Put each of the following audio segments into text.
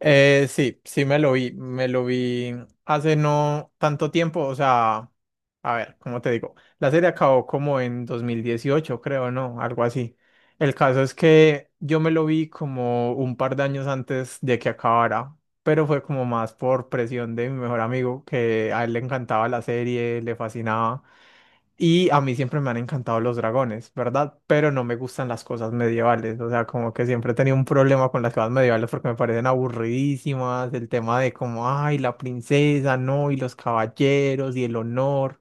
Sí me lo vi hace no tanto tiempo, o sea, a ver, ¿cómo te digo? La serie acabó como en 2018, creo, ¿no? Algo así. El caso es que yo me lo vi como un par de años antes de que acabara, pero fue como más por presión de mi mejor amigo, que a él le encantaba la serie, le fascinaba. Y a mí siempre me han encantado los dragones, ¿verdad? Pero no me gustan las cosas medievales. O sea, como que siempre he tenido un problema con las cosas medievales porque me parecen aburridísimas. El tema de como, ay, la princesa, no, y los caballeros, y el honor.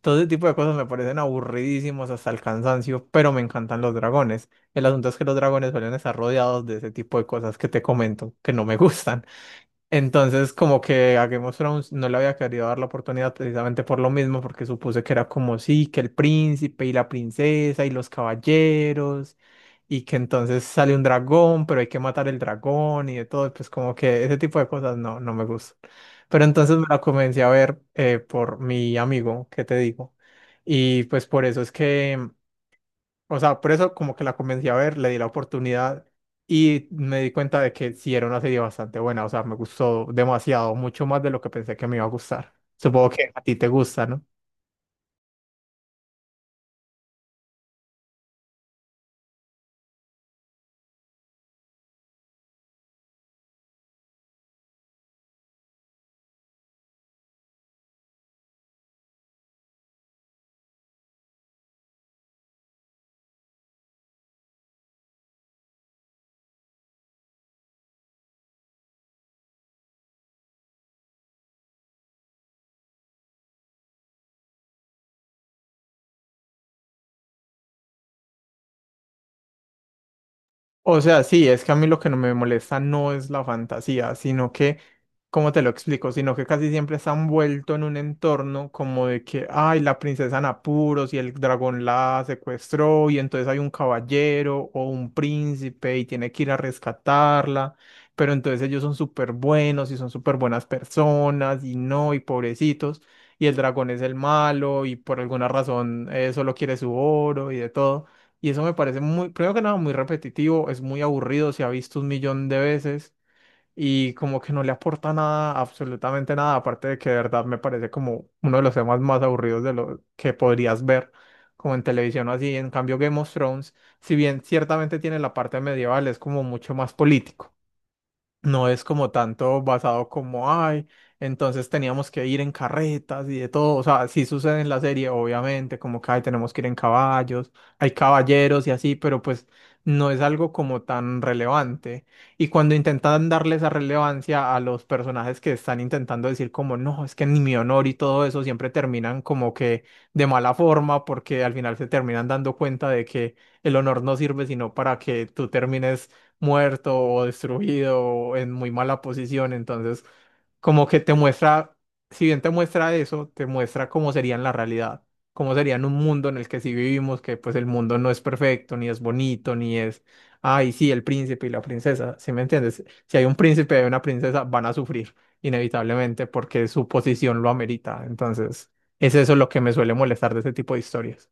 Todo ese tipo de cosas me parecen aburridísimos hasta el cansancio, pero me encantan los dragones. El asunto es que los dragones suelen estar rodeados de ese tipo de cosas que te comento, que no me gustan. Entonces, como que a Game of Thrones no le había querido dar la oportunidad precisamente por lo mismo, porque supuse que era como sí, que el príncipe y la princesa y los caballeros, y que entonces sale un dragón, pero hay que matar el dragón y de todo, y pues como que ese tipo de cosas no, no me gustan. Pero entonces me la comencé a ver por mi amigo, ¿qué te digo? Y pues por eso es que o sea, por eso como que la convencí a ver, le di la oportunidad y me di cuenta de que sí era una serie bastante buena, o sea, me gustó demasiado, mucho más de lo que pensé que me iba a gustar. Supongo que a ti te gusta, ¿no? O sea, sí, es que a mí lo que no me molesta no es la fantasía, sino que, ¿cómo te lo explico? Sino que casi siempre está envuelto en un entorno como de que, ay, la princesa en apuros y el dragón la secuestró y entonces hay un caballero o un príncipe y tiene que ir a rescatarla, pero entonces ellos son súper buenos y son súper buenas personas y no, y pobrecitos, y el dragón es el malo y por alguna razón solo quiere su oro y de todo. Y eso me parece muy, primero que nada, muy repetitivo, es muy aburrido, se ha visto un millón de veces y como que no le aporta nada, absolutamente nada, aparte de que de verdad me parece como uno de los temas más aburridos de lo que podrías ver como en televisión o así. En cambio, Game of Thrones, si bien ciertamente tiene la parte medieval, es como mucho más político. No es como tanto basado como, ay, entonces teníamos que ir en carretas y de todo. O sea, sí sucede en la serie, obviamente, como que, ay, tenemos que ir en caballos, hay caballeros y así, pero pues no es algo como tan relevante. Y cuando intentan darle esa relevancia a los personajes que están intentando decir como, no, es que ni mi honor y todo eso, siempre terminan como que de mala forma, porque al final se terminan dando cuenta de que el honor no sirve sino para que tú termines muerto o destruido o en muy mala posición. Entonces, como que te muestra, si bien te muestra eso, te muestra cómo sería en la realidad, cómo sería en un mundo en el que sí vivimos, que pues el mundo no es perfecto, ni es bonito, ni es, ay, sí, el príncipe y la princesa, ¿sí me entiendes? Si hay un príncipe y una princesa, van a sufrir inevitablemente porque su posición lo amerita. Entonces, es eso lo que me suele molestar de ese tipo de historias.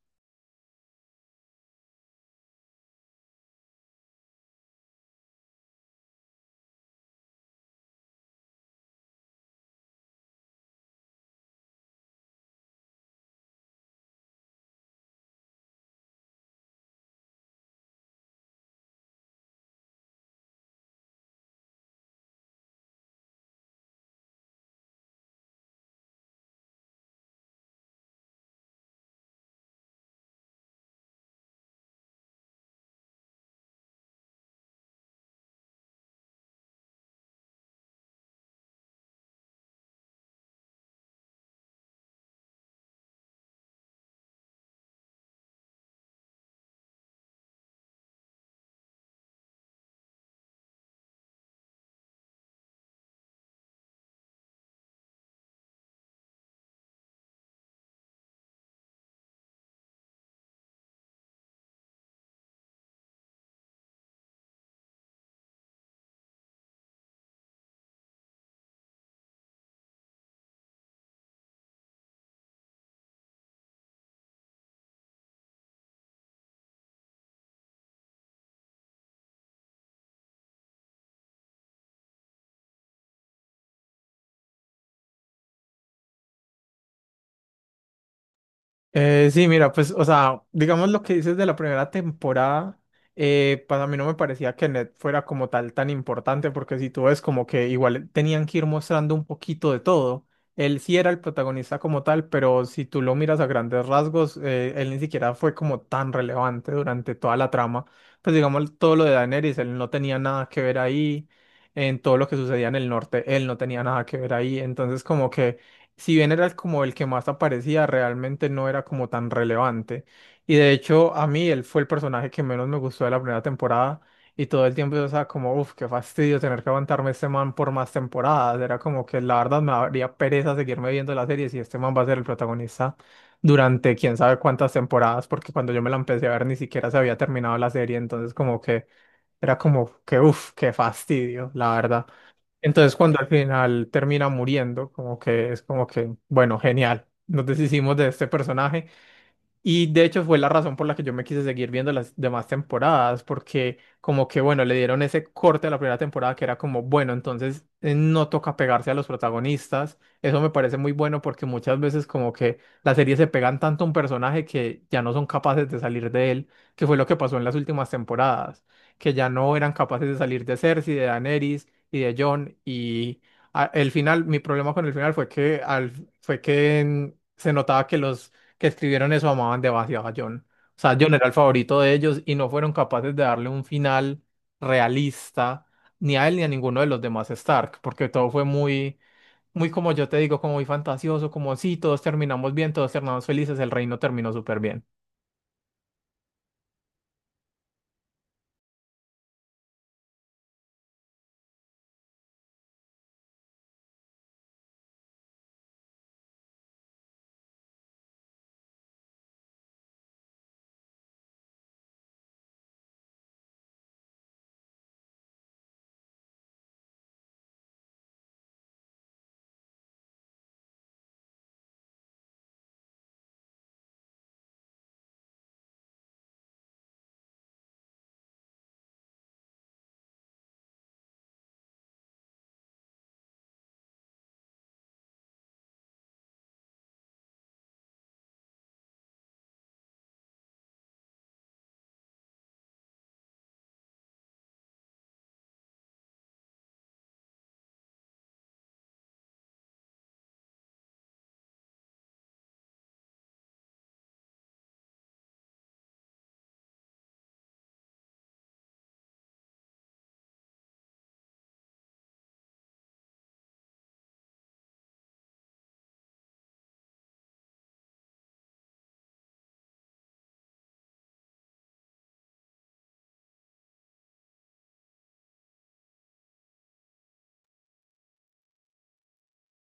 Sí, mira, pues, o sea, digamos lo que dices de la primera temporada, pues mí no me parecía que Ned fuera como tal tan importante, porque si tú ves como que igual tenían que ir mostrando un poquito de todo. Él sí era el protagonista como tal, pero si tú lo miras a grandes rasgos, él ni siquiera fue como tan relevante durante toda la trama. Pues digamos todo lo de Daenerys, él no tenía nada que ver ahí, en todo lo que sucedía en el norte, él no tenía nada que ver ahí, entonces como que si bien era como el que más aparecía, realmente no era como tan relevante. Y de hecho, a mí él fue el personaje que menos me gustó de la primera temporada. Y todo el tiempo yo estaba como, uff, qué fastidio tener que aguantarme este man por más temporadas. Era como que la verdad me daría pereza seguirme viendo la serie si este man va a ser el protagonista durante quién sabe cuántas temporadas, porque cuando yo me la empecé a ver ni siquiera se había terminado la serie. Entonces, como que era como que, uff, qué fastidio, la verdad. Entonces, cuando al final termina muriendo, como que es como que, bueno, genial, nos deshicimos de este personaje y de hecho fue la razón por la que yo me quise seguir viendo las demás temporadas, porque como que, bueno, le dieron ese corte a la primera temporada que era como, bueno, entonces no toca pegarse a los protagonistas. Eso me parece muy bueno porque muchas veces como que las series se pegan tanto a un personaje que ya no son capaces de salir de él, que fue lo que pasó en las últimas temporadas, que ya no eran capaces de salir de Cersei, de Daenerys y de Jon y el final, mi problema con el final fue que fue que se notaba que los que escribieron eso amaban demasiado a John. O sea, John era el favorito de ellos y no fueron capaces de darle un final realista ni a él ni a ninguno de los demás Stark, porque todo fue muy, muy como yo te digo, como muy fantasioso, como sí, todos terminamos bien, todos terminamos felices, el reino terminó súper bien.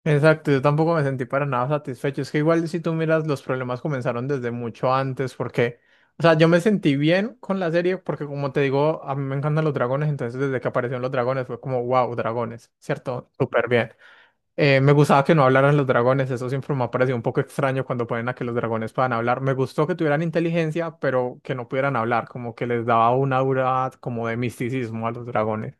Exacto, yo tampoco me sentí para nada satisfecho. Es que igual si tú miras, los problemas comenzaron desde mucho antes, porque, o sea, yo me sentí bien con la serie, porque como te digo, a mí me encantan los dragones, entonces desde que aparecieron los dragones fue como, wow, dragones, ¿cierto? Súper bien. Me gustaba que no hablaran los dragones, eso siempre me ha parecido un poco extraño cuando ponen a que los dragones puedan hablar. Me gustó que tuvieran inteligencia, pero que no pudieran hablar, como que les daba una aura como de misticismo a los dragones.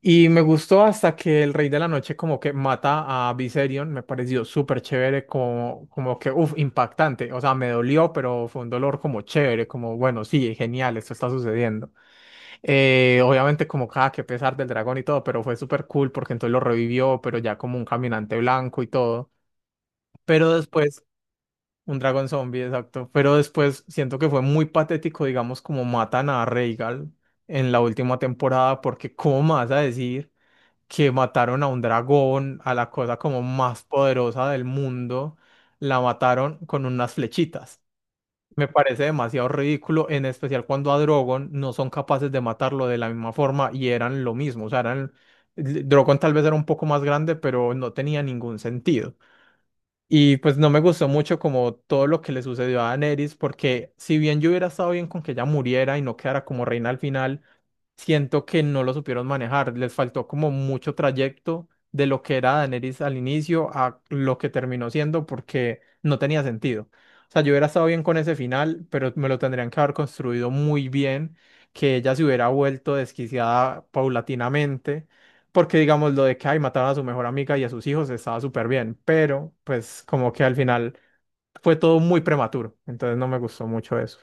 Y me gustó hasta que el Rey de la Noche como que mata a Viserion, me pareció súper chévere, como, como que, uff, impactante, o sea, me dolió, pero fue un dolor como chévere, como, bueno, sí, genial, esto está sucediendo. Obviamente como, cada que pesar del dragón y todo, pero fue súper cool porque entonces lo revivió, pero ya como un caminante blanco y todo. Pero después, un dragón zombie, exacto, pero después siento que fue muy patético, digamos, como matan a Rhaegal en la última temporada, porque ¿cómo me vas a decir? Que mataron a un dragón, a la cosa como más poderosa del mundo, la mataron con unas flechitas. Me parece demasiado ridículo, en especial cuando a Drogon no son capaces de matarlo de la misma forma y eran lo mismo. O sea, eran... Drogon tal vez era un poco más grande, pero no tenía ningún sentido. Y pues no me gustó mucho como todo lo que le sucedió a Daenerys, porque si bien yo hubiera estado bien con que ella muriera y no quedara como reina al final, siento que no lo supieron manejar. Les faltó como mucho trayecto de lo que era Daenerys al inicio a lo que terminó siendo porque no tenía sentido. O sea, yo hubiera estado bien con ese final, pero me lo tendrían que haber construido muy bien, que ella se hubiera vuelto desquiciada paulatinamente, porque digamos lo de que ay, mataron a su mejor amiga y a sus hijos estaba súper bien, pero pues como que al final fue todo muy prematuro, entonces no me gustó mucho eso.